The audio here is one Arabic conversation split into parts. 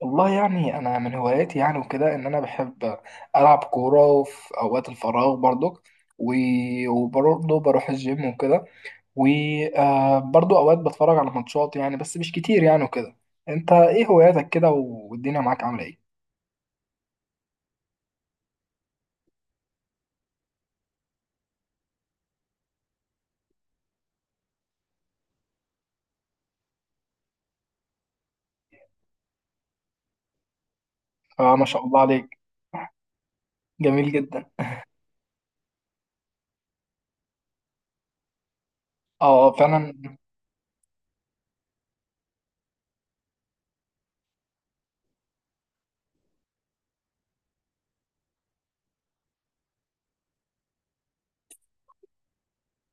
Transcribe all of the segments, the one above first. والله يعني انا من هواياتي يعني وكده ان انا بحب العب كوره في اوقات الفراغ برضك. وبرضه بروح الجيم وكده. وبرضه اوقات بتفرج على ماتشات يعني بس مش كتير يعني وكده. انت ايه هواياتك كده والدنيا معاك عامله ايه؟ آه، ما شاء الله عليك، جميل جدا. اه، آه، فعلا.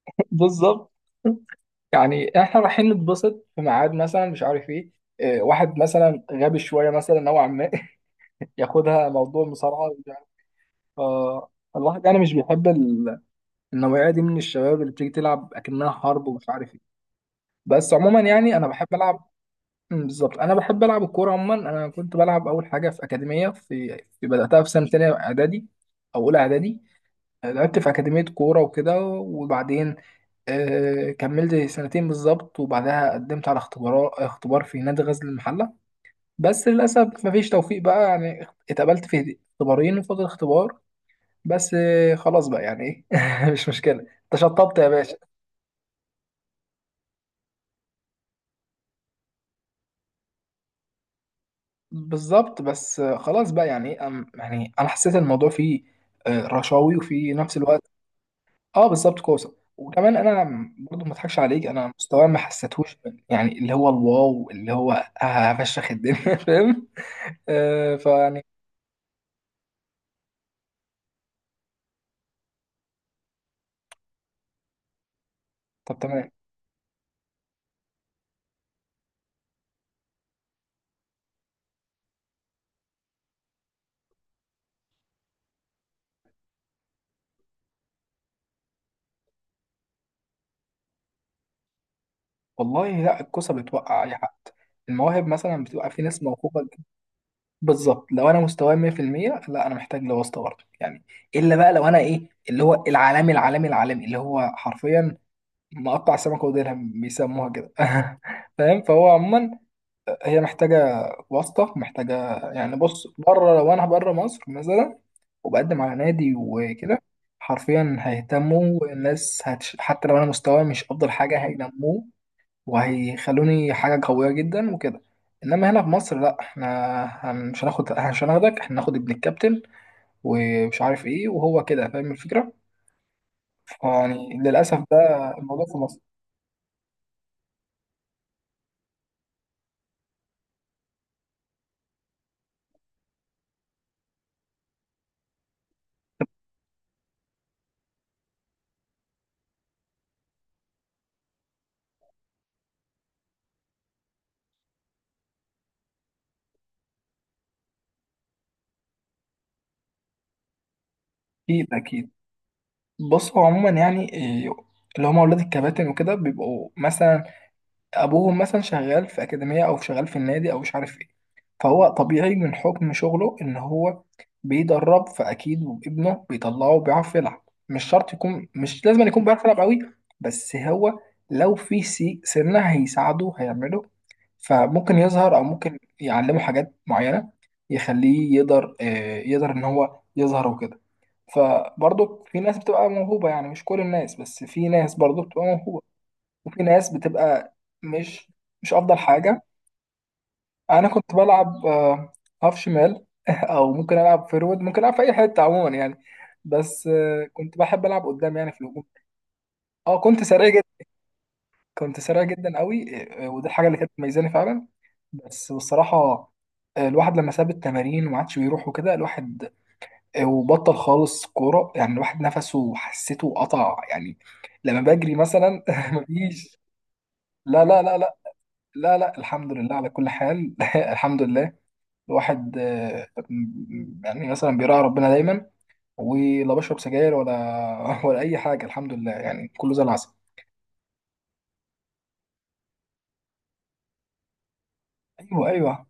بالظبط، يعني احنا رايحين نتبسط في ميعاد مثلا، مش عارف ايه. آه، واحد مثلا غبي شويه مثلا نوعا ما، ياخدها موضوع مصارعه. فالواحد يعني مش بيحب النوعية دي من الشباب اللي بتيجي تلعب أكنها حرب ومش عارف ايه. بس عموما يعني أنا بحب ألعب. مم، بالظبط، أنا بحب ألعب الكورة عموما. أنا كنت بلعب أول حاجة في أكاديمية في بدأتها في سنة تانية إعدادي أو أولى إعدادي. لعبت في أكاديمية كورة وكده، وبعدين آه كملت سنتين بالظبط، وبعدها قدمت على اختبار في نادي غزل المحلة. بس للأسف مفيش توفيق بقى يعني، اتقبلت في اختبارين وفضل اختبار. بس آه، خلاص بقى يعني، ايه، مش مشكله. انت شطبت يا باشا. بالظبط، بس آه، خلاص بقى يعني ايه، يعني انا حسيت الموضوع فيه آه، رشاوي، وفي نفس الوقت اه بالظبط كوسه. وكمان انا برضو ما اضحكش عليك، انا مستواي ما حسيتهوش يعني، اللي هو الواو اللي هو آه، هفشخ الدنيا، فاهم. آه، فيعني طب تمام. والله لا، الكوسه بتوقع اي حد. المواهب مثلا بتبقى في ناس موهوبه. بالظبط، لو انا مستواي 100% لا انا محتاج لواسطه برضه يعني. الا بقى لو انا ايه، اللي هو العالمي العالمي العالمي اللي هو حرفيا مقطع السمكه وديلها بيسموها كده، فاهم. فهو عموما هي محتاجه واسطه، محتاجه يعني. بص بره، لو انا بره مصر مثلا وبقدم على نادي وكده، حرفيا هيهتموا الناس، هتش... حتى لو انا مستواي مش افضل حاجه هينموه وهيخلوني حاجة قوية جدا وكده. انما هنا في مصر لا، احنا مش هناخد، مش هناخدك، احنا هناخد ابن الكابتن ومش عارف ايه، وهو كده، فاهم الفكرة. يعني للأسف ده الموضوع في مصر. أكيد أكيد. بص هو عموما يعني إيه، اللي هما أولاد الكباتن وكده بيبقوا مثلا ابوهم مثلا شغال في اكاديميه او شغال في النادي او مش عارف ايه، فهو طبيعي من حكم شغله ان هو بيدرب، فاكيد وابنه بيطلعه بيعرف يلعب. مش شرط يكون، مش لازم يكون بيعرف يلعب قوي، بس هو لو في سي سنه هيساعده، هيعمله، فممكن يظهر او ممكن يعلمه حاجات معينه يخليه يقدر آه، يقدر ان هو يظهر وكده. فبرضه في ناس بتبقى موهوبه يعني، مش كل الناس، بس في ناس برضه بتبقى موهوبه وفي ناس بتبقى مش، مش افضل حاجه. انا كنت بلعب آه، هاف شمال، او ممكن العب فيرود، ممكن العب في اي حته عموما يعني. بس آه، كنت بحب العب قدام يعني في الهجوم. اه كنت سريع جدا، كنت سريع جدا قوي آه، آه، ودي الحاجه اللي كانت مميزاني فعلا. بس بصراحه آه، الواحد لما ساب التمارين وما عادش بيروح وكده، الواحد آه، وبطل خالص كوره يعني، الواحد نفسه حسيته قطع يعني لما بجري مثلا، مفيش. لا، لا الحمد لله على كل حال، الحمد لله. الواحد آه، يعني مثلا بيراعي ربنا دايما، ولا بشرب سجاير ولا ولا اي حاجه الحمد لله، يعني كله زي العسل. ايوه ايوه.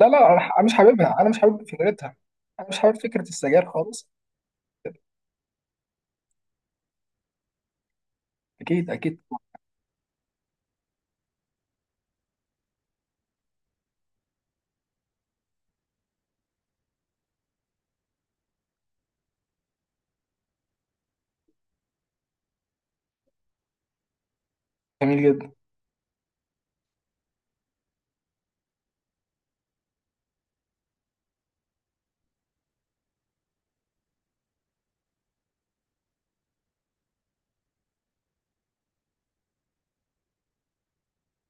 لا لا، انا أنا مش حاببها، انا مش حابب فكرتها، انا مش حابب فكره السجاير خالص. اكيد اكيد. جميل جدا.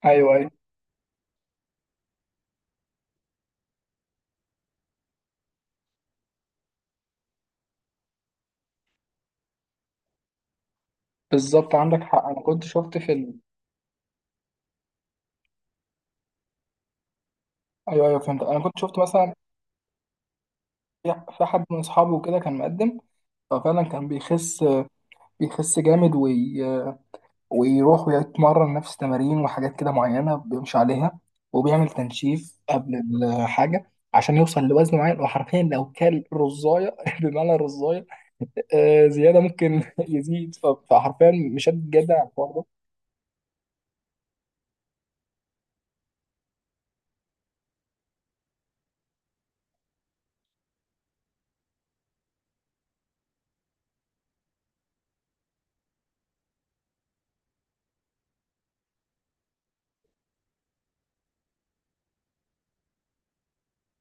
ايوه ايوه. بالظبط عندك حق، انا كنت شفت في ال... ايوه ايوه فهمت. انا كنت شفت مثلا في حد من اصحابه كده كان مقدم، ففعلا كان بيخس، بيخس جامد، وي ويروح ويتمرن نفس تمارين وحاجات كده معينة بيمشي عليها، وبيعمل تنشيف قبل الحاجة عشان يوصل لوزن معين، وحرفيا لو كل رزاية بمعنى رزاية آه، زيادة ممكن يزيد، فحرفيا مش هتتجدع على الحوار ده.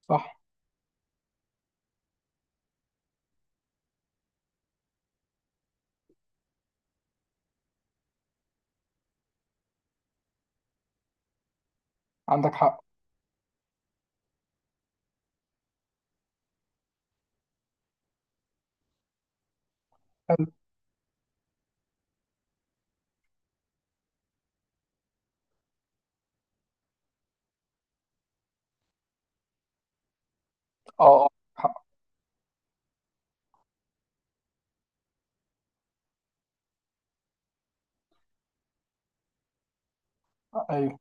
صح، عندك حق. اه، آه، حق. ايوه.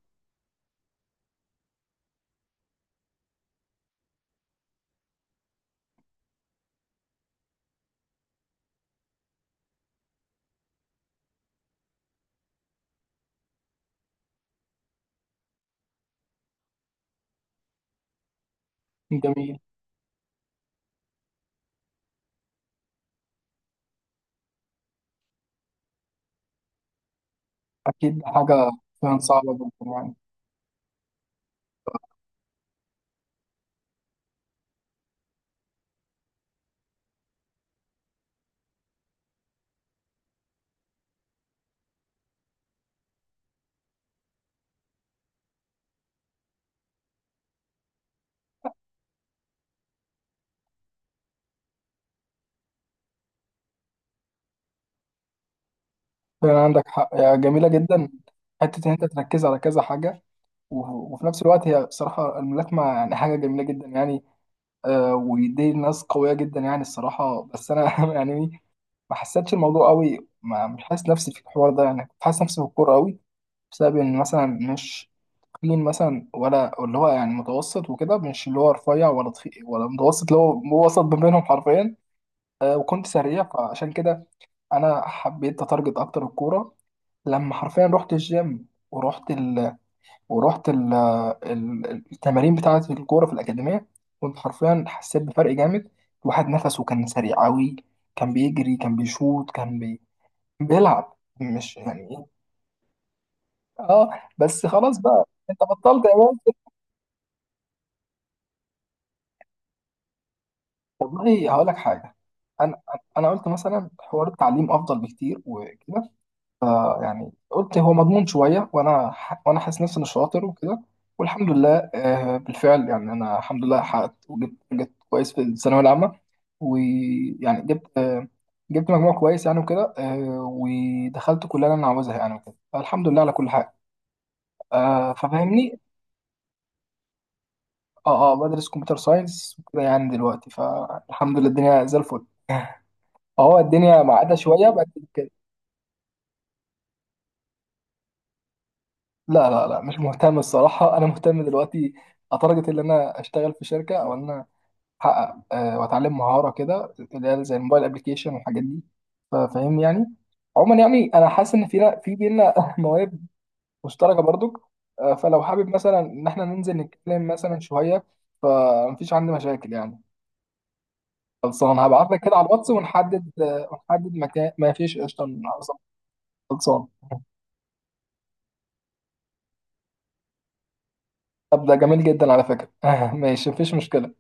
جميل. اكيد حاجة. فعلا صعبة جدا يعني. فعلا عندك حق يا، جميلة جدا. حتة ان انت تركز على كذا حاجة، وفي نفس الوقت هي بصراحة الملاكمة يعني حاجة جميلة جدا يعني آه، ودي ناس قوية جدا يعني الصراحة. بس أنا يعني إيه، ما حسيتش الموضوع قوي، ما مش حاسس نفسي في الحوار ده يعني، كنت حاسس نفسي في الكورة قوي بسبب إن مثلا مش تخين مثلا، ولا اللي هو يعني متوسط وكده، مش اللي هو رفيع ولا تخين ولا متوسط، اللي هو هو وسط ما بينهم حرفيا. آه، وكنت سريع، فعشان كده أنا حبيت أتارجت أكتر الكورة. لما حرفيا رحت الجيم ورحت، ورحت التمارين بتاعة الكورة في الأكاديمية، كنت حرفيا حسيت بفرق جامد. الواحد نفسه كان سريع أوي، كان بيجري، كان بيشوط، كان بي... بيلعب، مش يعني إيه. اه، بس خلاص بقى انت بطلت يا ماسك. والله هقول لك حاجة، انا انا قلت مثلا حوار التعليم افضل بكتير وكده. آه يعني قلت هو مضمون شويه، وانا وانا حاسس نفسي اني شاطر وكده، والحمد لله آه، بالفعل يعني انا الحمد لله حققت، وجبت، جبت كويس في الثانويه العامه، ويعني جبت آه، جبت مجموع كويس يعني وكده آه، ودخلت كليه اللي انا عاوزها يعني وكده، فالحمد لله على كل حاجه آه، ففاهمني. اه اه، بدرس كمبيوتر ساينس وكده يعني دلوقتي، فالحمد لله الدنيا زي الفل. اه الدنيا معقده شويه بقت. لا لا لا، مش مهتم الصراحة، أنا مهتم دلوقتي لدرجة إن أنا أشتغل في شركة، أو إن أنا أحقق آه، وأتعلم مهارة كده اللي هي زي الموبايل أبلكيشن والحاجات دي، فاهم يعني. عموما يعني أنا حاسس إن فينا، بينا مواهب مشتركة برضك آه، فلو حابب مثلا إن إحنا ننزل نتكلم مثلا شوية، فمفيش عندي مشاكل يعني. خلصان، هبعت لك كده على الواتس ونحدد آه، ونحدد مكان، ما فيش قشطة. خلصان. طب ده جميل جدا على فكرة، ماشي، مفيش مشكلة.